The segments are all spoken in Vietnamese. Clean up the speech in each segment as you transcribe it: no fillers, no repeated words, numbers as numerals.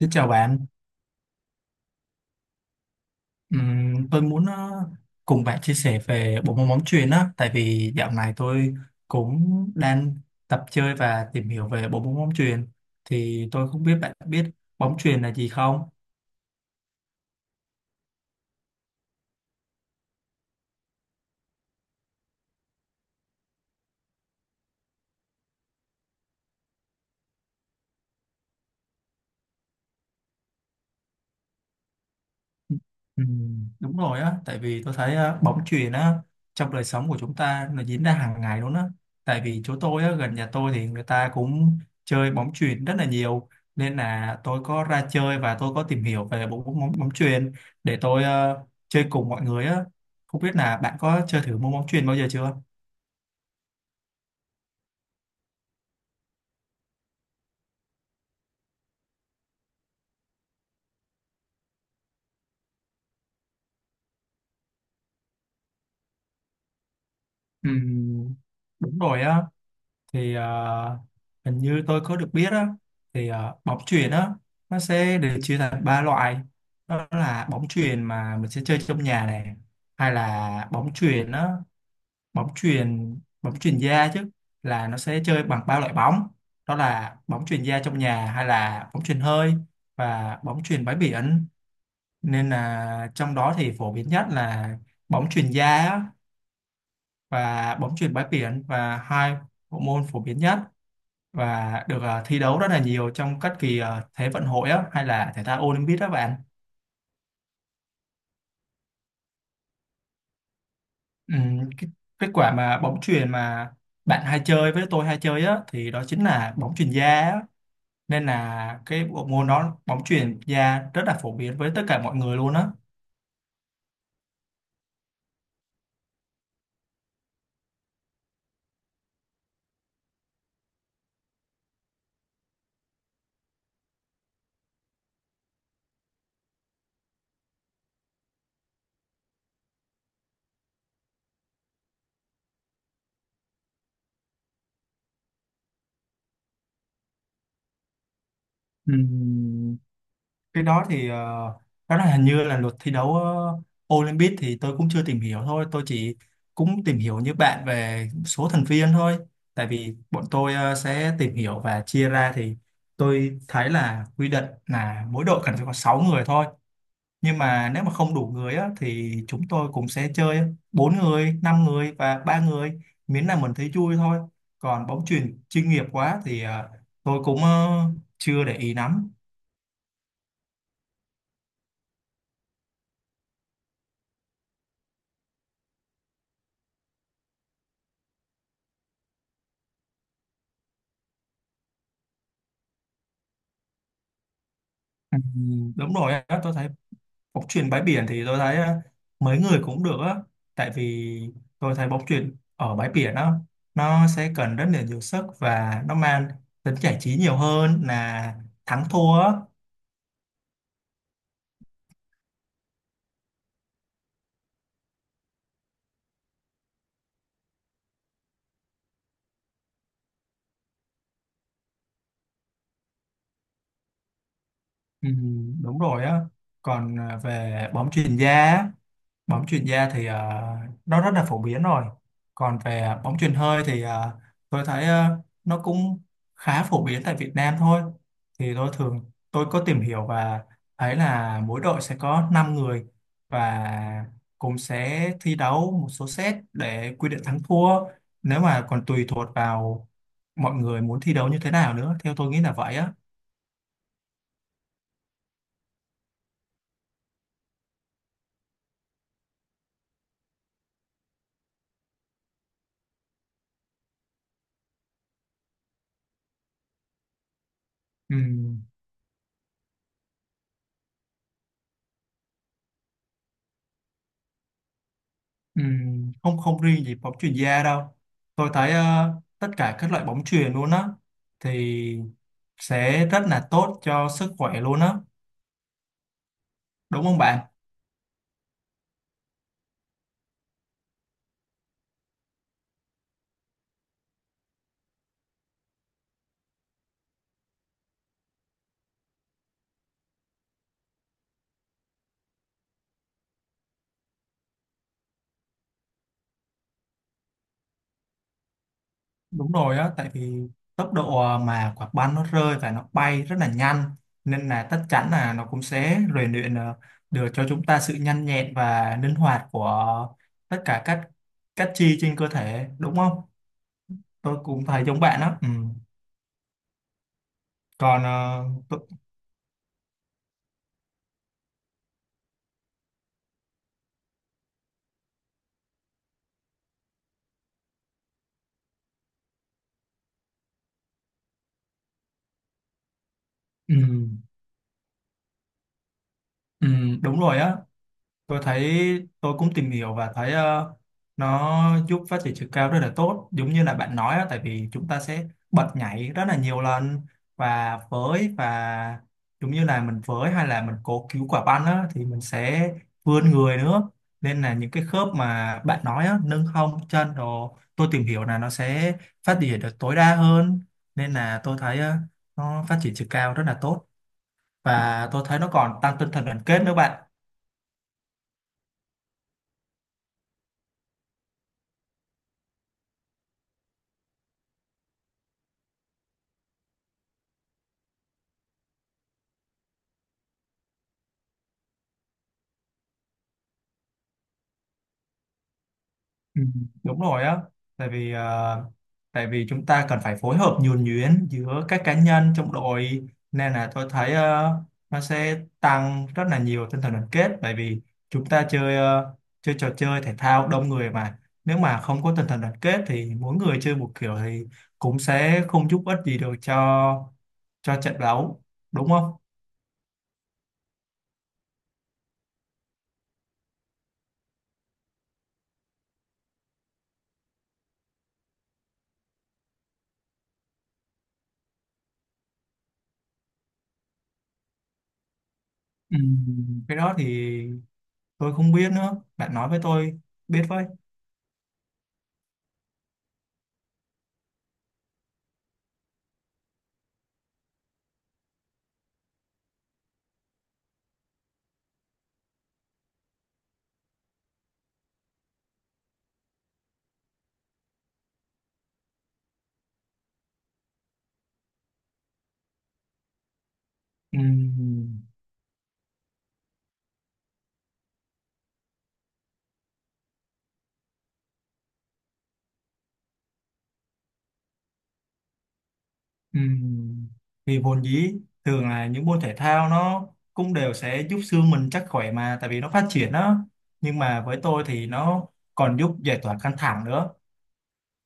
Xin chào bạn. Tôi muốn cùng bạn chia sẻ về bộ môn bóng chuyền á, tại vì dạo này tôi cũng đang tập chơi và tìm hiểu về bộ môn bóng chuyền, thì tôi không biết bạn biết bóng chuyền là gì không? Ừ, đúng rồi á, tại vì tôi thấy á, bóng chuyền á trong đời sống của chúng ta nó diễn ra hàng ngày luôn á. Tại vì chỗ tôi á, gần nhà tôi thì người ta cũng chơi bóng chuyền rất là nhiều, nên là tôi có ra chơi và tôi có tìm hiểu về bộ môn bóng bóng chuyền để tôi chơi cùng mọi người á. Không biết là bạn có chơi thử môn bóng chuyền bao giờ chưa? Ừ, đúng rồi á, thì hình như tôi có được biết á, thì bóng chuyền á, nó sẽ được chia thành ba loại, đó là bóng chuyền mà mình sẽ chơi trong nhà này, hay là bóng chuyền á bóng chuyền da chứ, là nó sẽ chơi bằng ba loại bóng, đó là bóng chuyền da trong nhà, hay là bóng chuyền hơi, và bóng chuyền bãi biển, nên là trong đó thì phổ biến nhất là bóng chuyền da á, và bóng chuyền bãi biển, và hai bộ môn phổ biến nhất và được thi đấu rất là nhiều trong các kỳ Thế vận hội á, hay là thể thao Olympic đó bạn. Ừm, cái, Kết quả mà bóng chuyền mà bạn hay chơi, với tôi hay chơi á, thì đó chính là bóng chuyền da á. Nên là cái bộ môn đó, bóng chuyền da rất là phổ biến với tất cả mọi người luôn á. Ừ. Cái đó thì đó là hình như là luật thi đấu Olympic, thì tôi cũng chưa tìm hiểu, thôi tôi chỉ cũng tìm hiểu như bạn về số thành viên thôi, tại vì bọn tôi sẽ tìm hiểu và chia ra, thì tôi thấy là quy định là mỗi đội cần phải có 6 người thôi, nhưng mà nếu mà không đủ người á, thì chúng tôi cũng sẽ chơi bốn người, 5 người và ba người, miễn là mình thấy vui thôi, còn bóng chuyền chuyên nghiệp quá thì tôi cũng chưa để ý lắm. Ừ, đúng rồi á, tôi thấy bóng chuyền bãi biển thì tôi thấy á, mấy người cũng được á, tại vì tôi thấy bóng chuyền ở bãi biển á, nó sẽ cần rất là nhiều sức và nó mang tính giải trí nhiều hơn là thắng thua á. Ừ, đúng rồi á, còn về bóng chuyền da á, bóng chuyền da thì nó rất là phổ biến rồi, còn về bóng chuyền hơi thì tôi thấy nó cũng khá phổ biến tại Việt Nam thôi, thì tôi thường, tôi có tìm hiểu và thấy là mỗi đội sẽ có 5 người, và cũng sẽ thi đấu một số set để quy định thắng thua, nếu mà còn tùy thuộc vào mọi người muốn thi đấu như thế nào nữa, theo tôi nghĩ là vậy á. Ừ. Không không riêng gì bóng chuyền da đâu, tôi thấy tất cả các loại bóng chuyền luôn á, thì sẽ rất là tốt cho sức khỏe luôn á, đúng không bạn? Đúng rồi á, tại vì tốc độ mà quả banh nó rơi và nó bay rất là nhanh, nên là chắc chắn là nó cũng sẽ rèn luyện được cho chúng ta sự nhanh nhẹn và linh hoạt của tất cả các chi trên cơ thể, đúng không? Tôi cũng thấy giống bạn á. Ừm, còn tôi- Ừ, ừ, đúng rồi á. Tôi thấy, tôi cũng tìm hiểu và thấy nó giúp phát triển chiều cao rất là tốt giống như là bạn nói á, tại vì chúng ta sẽ bật nhảy rất là nhiều lần, và với, và giống như là mình với, hay là mình cố cứu quả banh á, thì mình sẽ vươn người nữa, nên là những cái khớp mà bạn nói á, nâng hông chân rồi, tôi tìm hiểu là nó sẽ phát triển được tối đa hơn, nên là tôi thấy nó phát triển chiều cao rất là tốt, và tôi thấy nó còn tăng tinh thần đoàn kết nữa bạn. Ừ, đúng rồi á, tại vì chúng ta cần phải phối hợp nhuần nhuyễn giữa các cá nhân trong đội, nên là tôi thấy nó sẽ tăng rất là nhiều tinh thần đoàn kết, tại vì chúng ta chơi chơi trò chơi thể thao đông người, mà nếu mà không có tinh thần đoàn kết thì mỗi người chơi một kiểu, thì cũng sẽ không giúp ích gì được cho trận đấu, đúng không? Ừ. Cái đó thì tôi không biết nữa, bạn nói với tôi biết với. Ừ. Ừm, Vì vốn dĩ thường là những môn thể thao, nó cũng đều sẽ giúp xương mình chắc khỏe mà, tại vì nó phát triển đó, nhưng mà với tôi thì nó còn giúp giải tỏa căng thẳng nữa,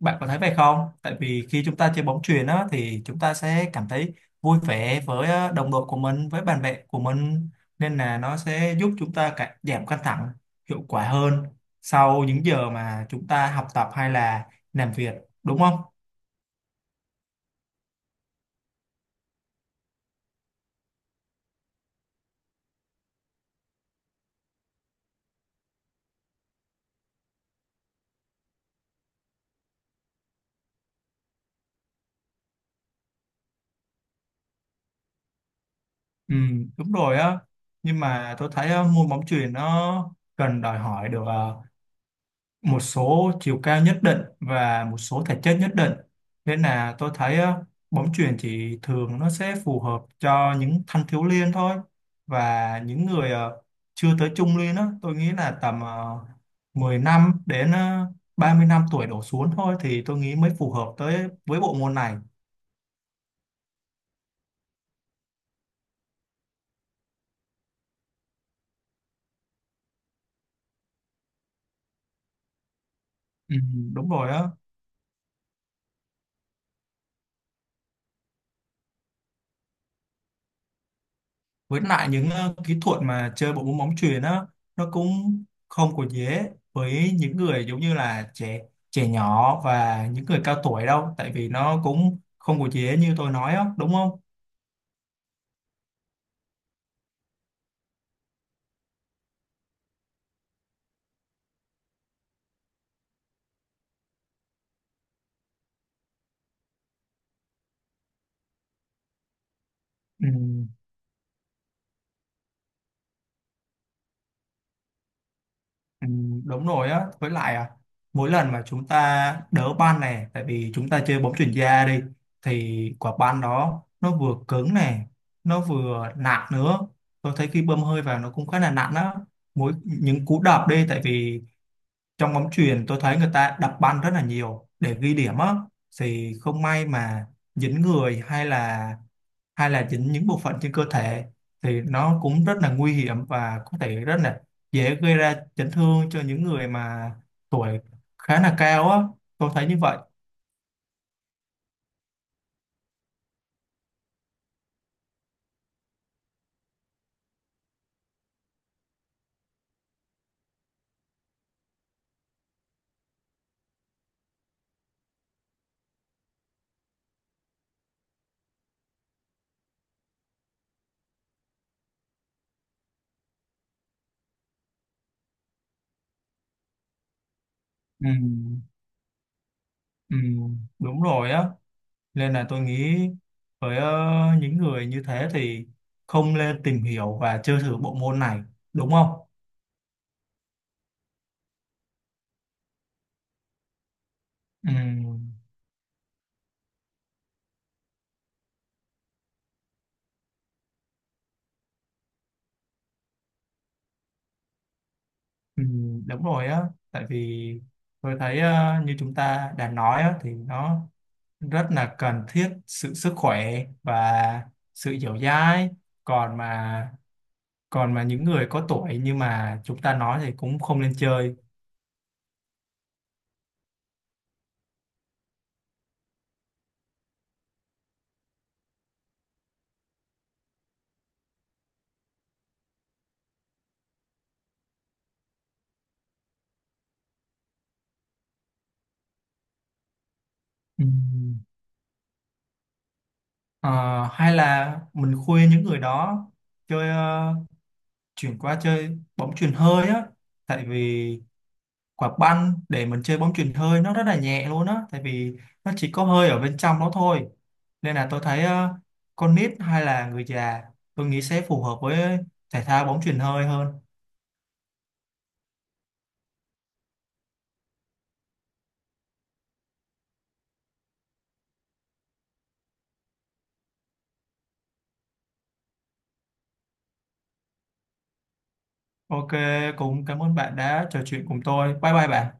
bạn có thấy vậy không? Tại vì khi chúng ta chơi bóng chuyền đó, thì chúng ta sẽ cảm thấy vui vẻ với đồng đội của mình, với bạn bè của mình, nên là nó sẽ giúp chúng ta giảm căng thẳng hiệu quả hơn sau những giờ mà chúng ta học tập hay là làm việc, đúng không? Ừ, đúng rồi á, nhưng mà tôi thấy á, môn bóng chuyền nó cần đòi hỏi được một số chiều cao nhất định và một số thể chất nhất định, nên là tôi thấy á, bóng chuyền chỉ thường nó sẽ phù hợp cho những thanh thiếu niên thôi, và những người chưa tới trung niên á, tôi nghĩ là tầm 10 năm đến 30 năm tuổi đổ xuống thôi, thì tôi nghĩ mới phù hợp tới với bộ môn này. Ừ, đúng rồi á, với lại những kỹ thuật mà chơi bộ môn bóng chuyền á, nó cũng không có dễ với những người giống như là trẻ trẻ nhỏ và những người cao tuổi đâu, tại vì nó cũng không có dễ như tôi nói á, đúng không? Ừ, ừ, đúng rồi á, với lại mỗi lần mà chúng ta đỡ banh này, tại vì chúng ta chơi bóng chuyền da đi, thì quả banh đó nó vừa cứng này, nó vừa nặng nữa, tôi thấy khi bơm hơi vào nó cũng khá là nặng á, mỗi những cú đập đi, tại vì trong bóng chuyền tôi thấy người ta đập banh rất là nhiều để ghi điểm á, thì không may mà dính người, hay là dính những bộ phận trên cơ thể, thì nó cũng rất là nguy hiểm và có thể rất là dễ gây ra chấn thương cho những người mà tuổi khá là cao á, tôi thấy như vậy. Ừ, ừ, đúng rồi á, nên là tôi nghĩ với những người như thế thì không nên tìm hiểu và chơi thử bộ môn này, đúng không? Ừ. Ừ, đúng rồi á, tại vì tôi thấy như chúng ta đã nói á, thì nó rất là cần thiết sự sức khỏe và sự dẻo dai, còn mà còn mà những người có tuổi nhưng mà chúng ta nói thì cũng không nên chơi. Ừ. Ờ, hay là mình khuyên những người đó chơi chuyển qua chơi bóng chuyền hơi á, tại vì quả banh để mình chơi bóng chuyền hơi nó rất là nhẹ luôn á, tại vì nó chỉ có hơi ở bên trong đó thôi, nên là tôi thấy con nít hay là người già, tôi nghĩ sẽ phù hợp với thể thao bóng chuyền hơi hơn. OK, cũng cảm ơn bạn đã trò chuyện cùng tôi, bye bye bạn.